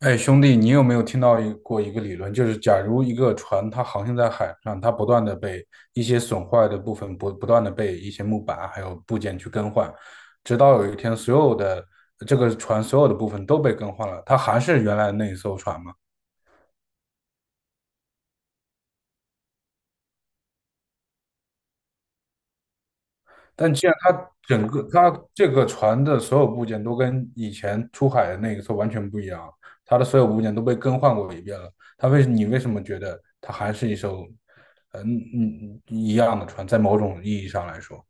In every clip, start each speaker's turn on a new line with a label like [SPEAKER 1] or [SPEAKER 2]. [SPEAKER 1] 哎，兄弟，你有没有听到过一个理论，就是假如一个船它航行在海上，它不断的被一些损坏的部分不断的被一些木板还有部件去更换，直到有一天所有的这个船所有的部分都被更换了，它还是原来那一艘船吗？但既然它整个它这个船的所有部件都跟以前出海的那个时候完全不一样了，它的所有部件都被更换过一遍了，你为什么觉得它还是一艘一样的船？在某种意义上来说，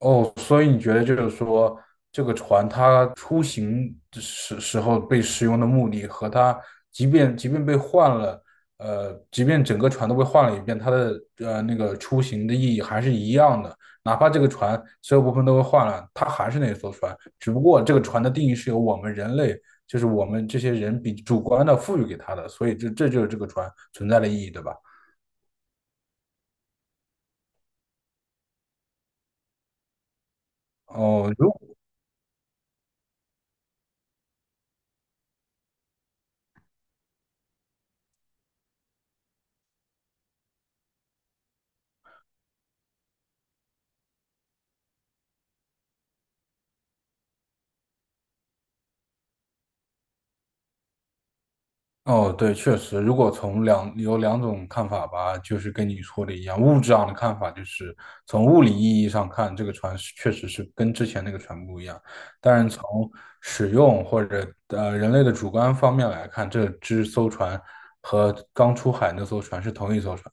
[SPEAKER 1] 哦，所以你觉得就是说，这个船它出行的时候被使用的目的和它，即便被换了，即便整个船都被换了一遍，它的那个出行的意义还是一样的。哪怕这个船所有部分都被换了，它还是那艘船，只不过这个船的定义是由我们人类，就是我们这些人比主观的赋予给它的，所以这就是这个船存在的意义，对吧？哦，如哦，对，确实，如果有两种看法吧，就是跟你说的一样，物质上的看法就是从物理意义上看，这个船是确实是跟之前那个船不一样。但是从使用或者人类的主观方面来看，这艘船和刚出海那艘船是同一艘船。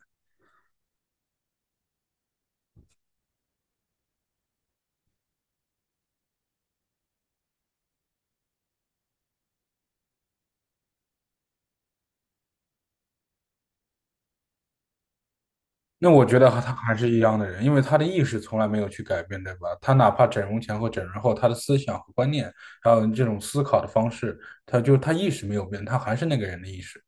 [SPEAKER 1] 那我觉得和他还是一样的人，因为他的意识从来没有去改变，对吧？他哪怕整容前和整容后，他的思想和观念，还有这种思考的方式，他就他意识没有变，他还是那个人的意识。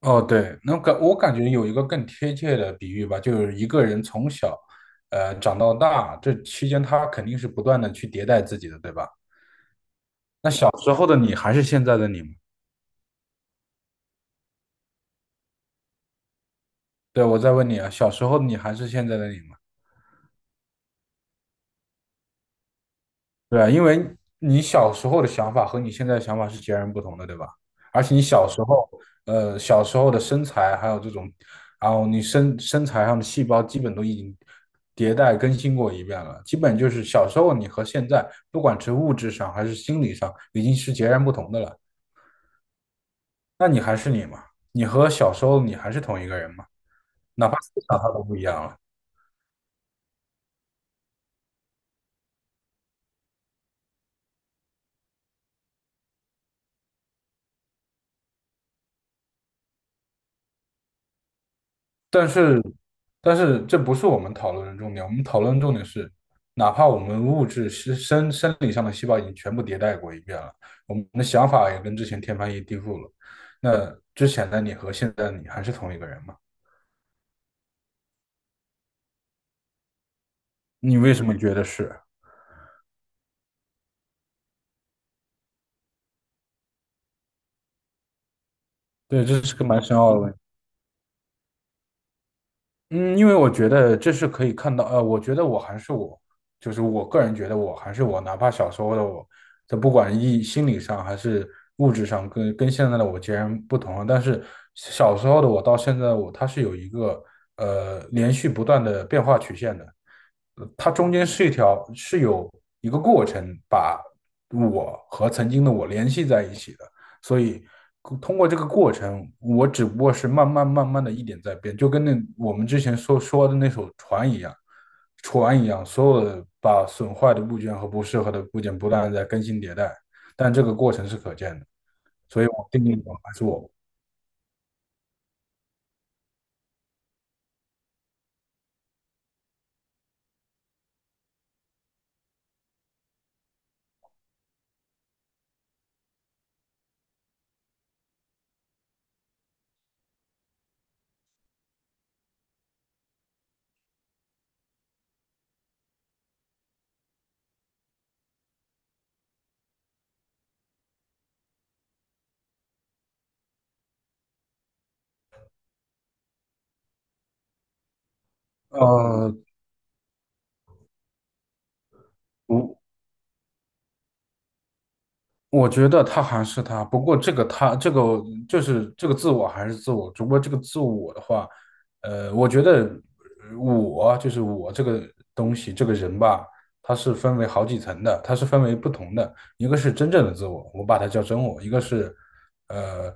[SPEAKER 1] 哦，对，那我感觉有一个更贴切的比喻吧，就是一个人从小，长到大，这期间他肯定是不断的去迭代自己的，对吧？那小时候的你还是现在的你吗？对，我再问你啊，小时候的你还是现在的你吗？对啊，因为你小时候的想法和你现在的想法是截然不同的，对吧？而且你小时候，小时候的身材还有这种，然后你身材上的细胞基本都已经迭代更新过一遍了，基本就是小时候你和现在，不管是物质上还是心理上，已经是截然不同的了。那你还是你嘛？你和小时候你还是同一个人嘛？哪怕思想上都不一样了。但是，但是这不是我们讨论的重点。我们讨论的重点是，哪怕我们物质是生理上的细胞已经全部迭代过一遍了，我们的想法也跟之前天翻地覆了。那之前的你和现在的你还是同一个人吗？你为什么觉得是？对，这是个蛮深奥的问题。嗯，因为我觉得这是可以看到，我觉得我还是我，就是我个人觉得我还是我，哪怕小时候的我，这不管心理上还是物质上跟，跟现在的我截然不同了。但是小时候的我到现在的我，它是有一个连续不断的变化曲线的，它中间是一条是有一个过程把我和曾经的我联系在一起的。所以通过这个过程，我只不过是慢慢慢慢的一点在变，就跟那我们之前说的那艘船一样，所有的把损坏的部件和不适合的部件不断的在更新迭代，但这个过程是可见的，所以我定义我还是我。呃，我我觉得他还是他，不过这个就是这个自我还是自我，只不过这个自我的话，我觉得我就是我这个东西这个人吧，它是分为好几层的，它是分为不同的，一个是真正的自我，我把它叫真我，一个是呃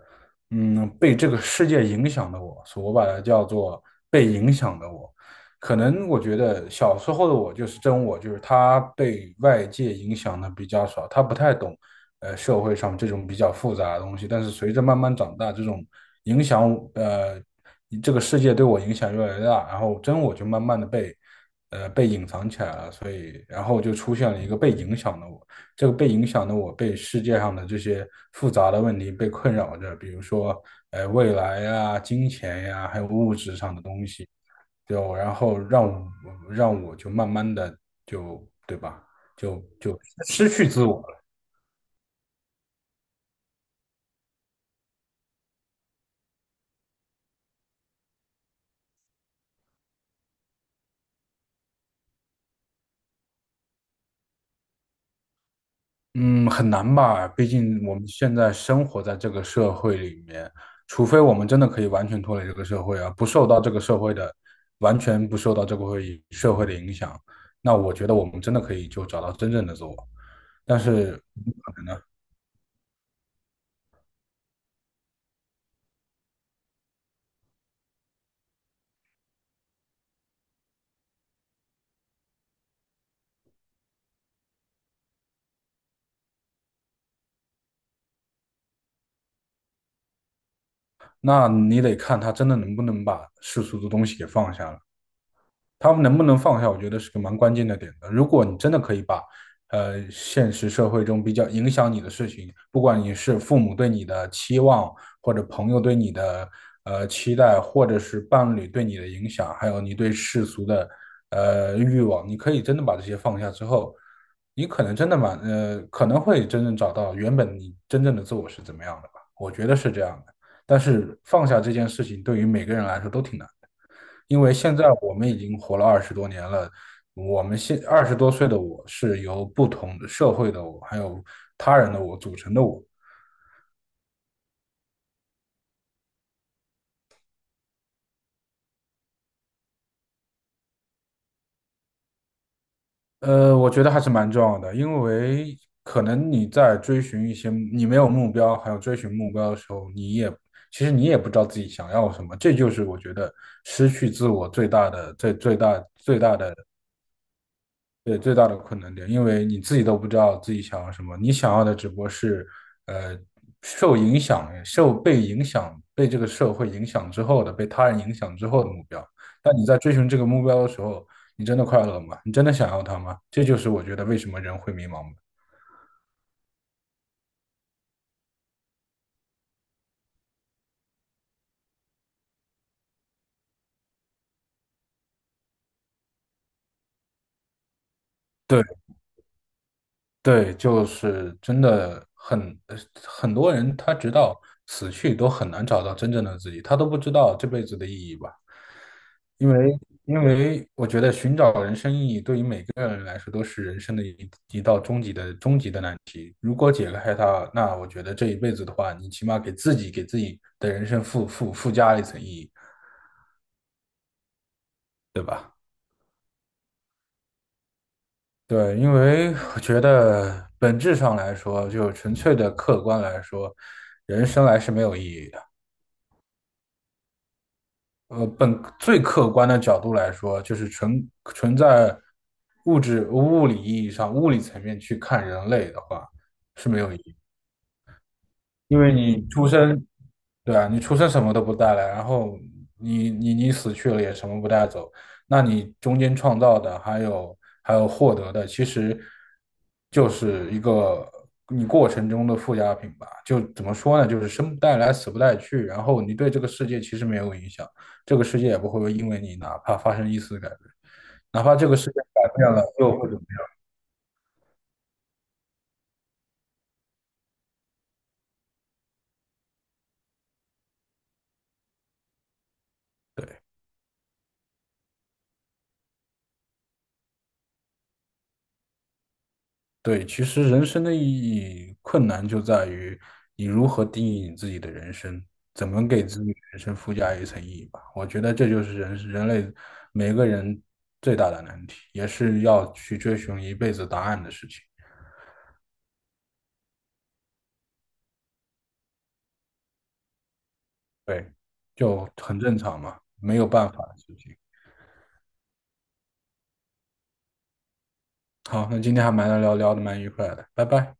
[SPEAKER 1] 被这个世界影响的我，所以我把它叫做被影响的我。可能我觉得小时候的我就是真我，就是他被外界影响的比较少，他不太懂社会上这种比较复杂的东西。但是随着慢慢长大，这种影响呃这个世界对我影响越来越大，然后真我就慢慢的被被隐藏起来了，所以然后就出现了一个被影响的我。这个被影响的我，被世界上的这些复杂的问题被困扰着，比如说，未来呀、金钱呀，还有物质上的东西，就然后让我就慢慢的就对吧，就失去自我了。嗯，很难吧？毕竟我们现在生活在这个社会里面，除非我们真的可以完全脱离这个社会啊，不受到这个社会的，完全不受到这个社会的影响，那我觉得我们真的可以就找到真正的自我。但是，那你得看他真的能不能把世俗的东西给放下了。他们能不能放下，我觉得是个蛮关键的点的。如果你真的可以把，现实社会中比较影响你的事情，不管你是父母对你的期望，或者朋友对你的期待，或者是伴侣对你的影响，还有你对世俗的欲望，你可以真的把这些放下之后，你可能真的蛮可能会真正找到原本你真正的自我是怎么样的吧？我觉得这样的。但是放下这件事情，对于每个人来说都挺难的。因为现在我们已经活了二十多年了，我们现二十多岁的我是由不同的社会的我，还有他人的我组成的我。我觉得还是蛮重要的，因为可能你在追寻一些你没有目标，还有追寻目标的时候，你也其实你也不知道自己想要什么，这就是我觉得失去自我最大的，对，最大的困难点，因为你自己都不知道自己想要什么，你想要的只不过是，呃，受影响、受被影响、被这个社会影响之后的、被他人影响之后的目标。但你在追寻这个目标的时候，你真的快乐吗？你真的想要它吗？这就是我觉得为什么人会迷茫吧。对对，就是真的很呃很多人，他直到死去都很难找到真正的自己，他都不知道这辈子的意义吧。因为因为我觉得寻找人生意义对于每个人来说都是人生的一道终极的难题。如果解开它，那我觉得这一辈子的话，你起码给自己的人生附加了一层意义，对吧？对，因为我觉得本质上来说，就纯粹的客观来说，人生来是没有意义的。本最客观的角度来说，就是纯在物理意义上、物理层面去看人类的话，是没有意义。因为你出生，对啊，你出生什么都不带来，然后你死去了也什么不带走，那你中间创造的还有获得的，其实就是一个你过程中的附加品吧。就怎么说呢，就是生不带来，死不带去，然后你对这个世界其实没有影响，这个世界也不会因为你哪怕发生一丝改变，哪怕这个世界改变了，又会怎么样？对。对，其实人生的意义困难就在于你如何定义你自己的人生，怎么给自己的人生附加一层意义吧。我觉得这就是人类每个人最大的难题，也是要去追寻一辈子答案的事情。对，就很正常嘛，没有办法的事情。好，那今天还蛮愉快的，拜拜。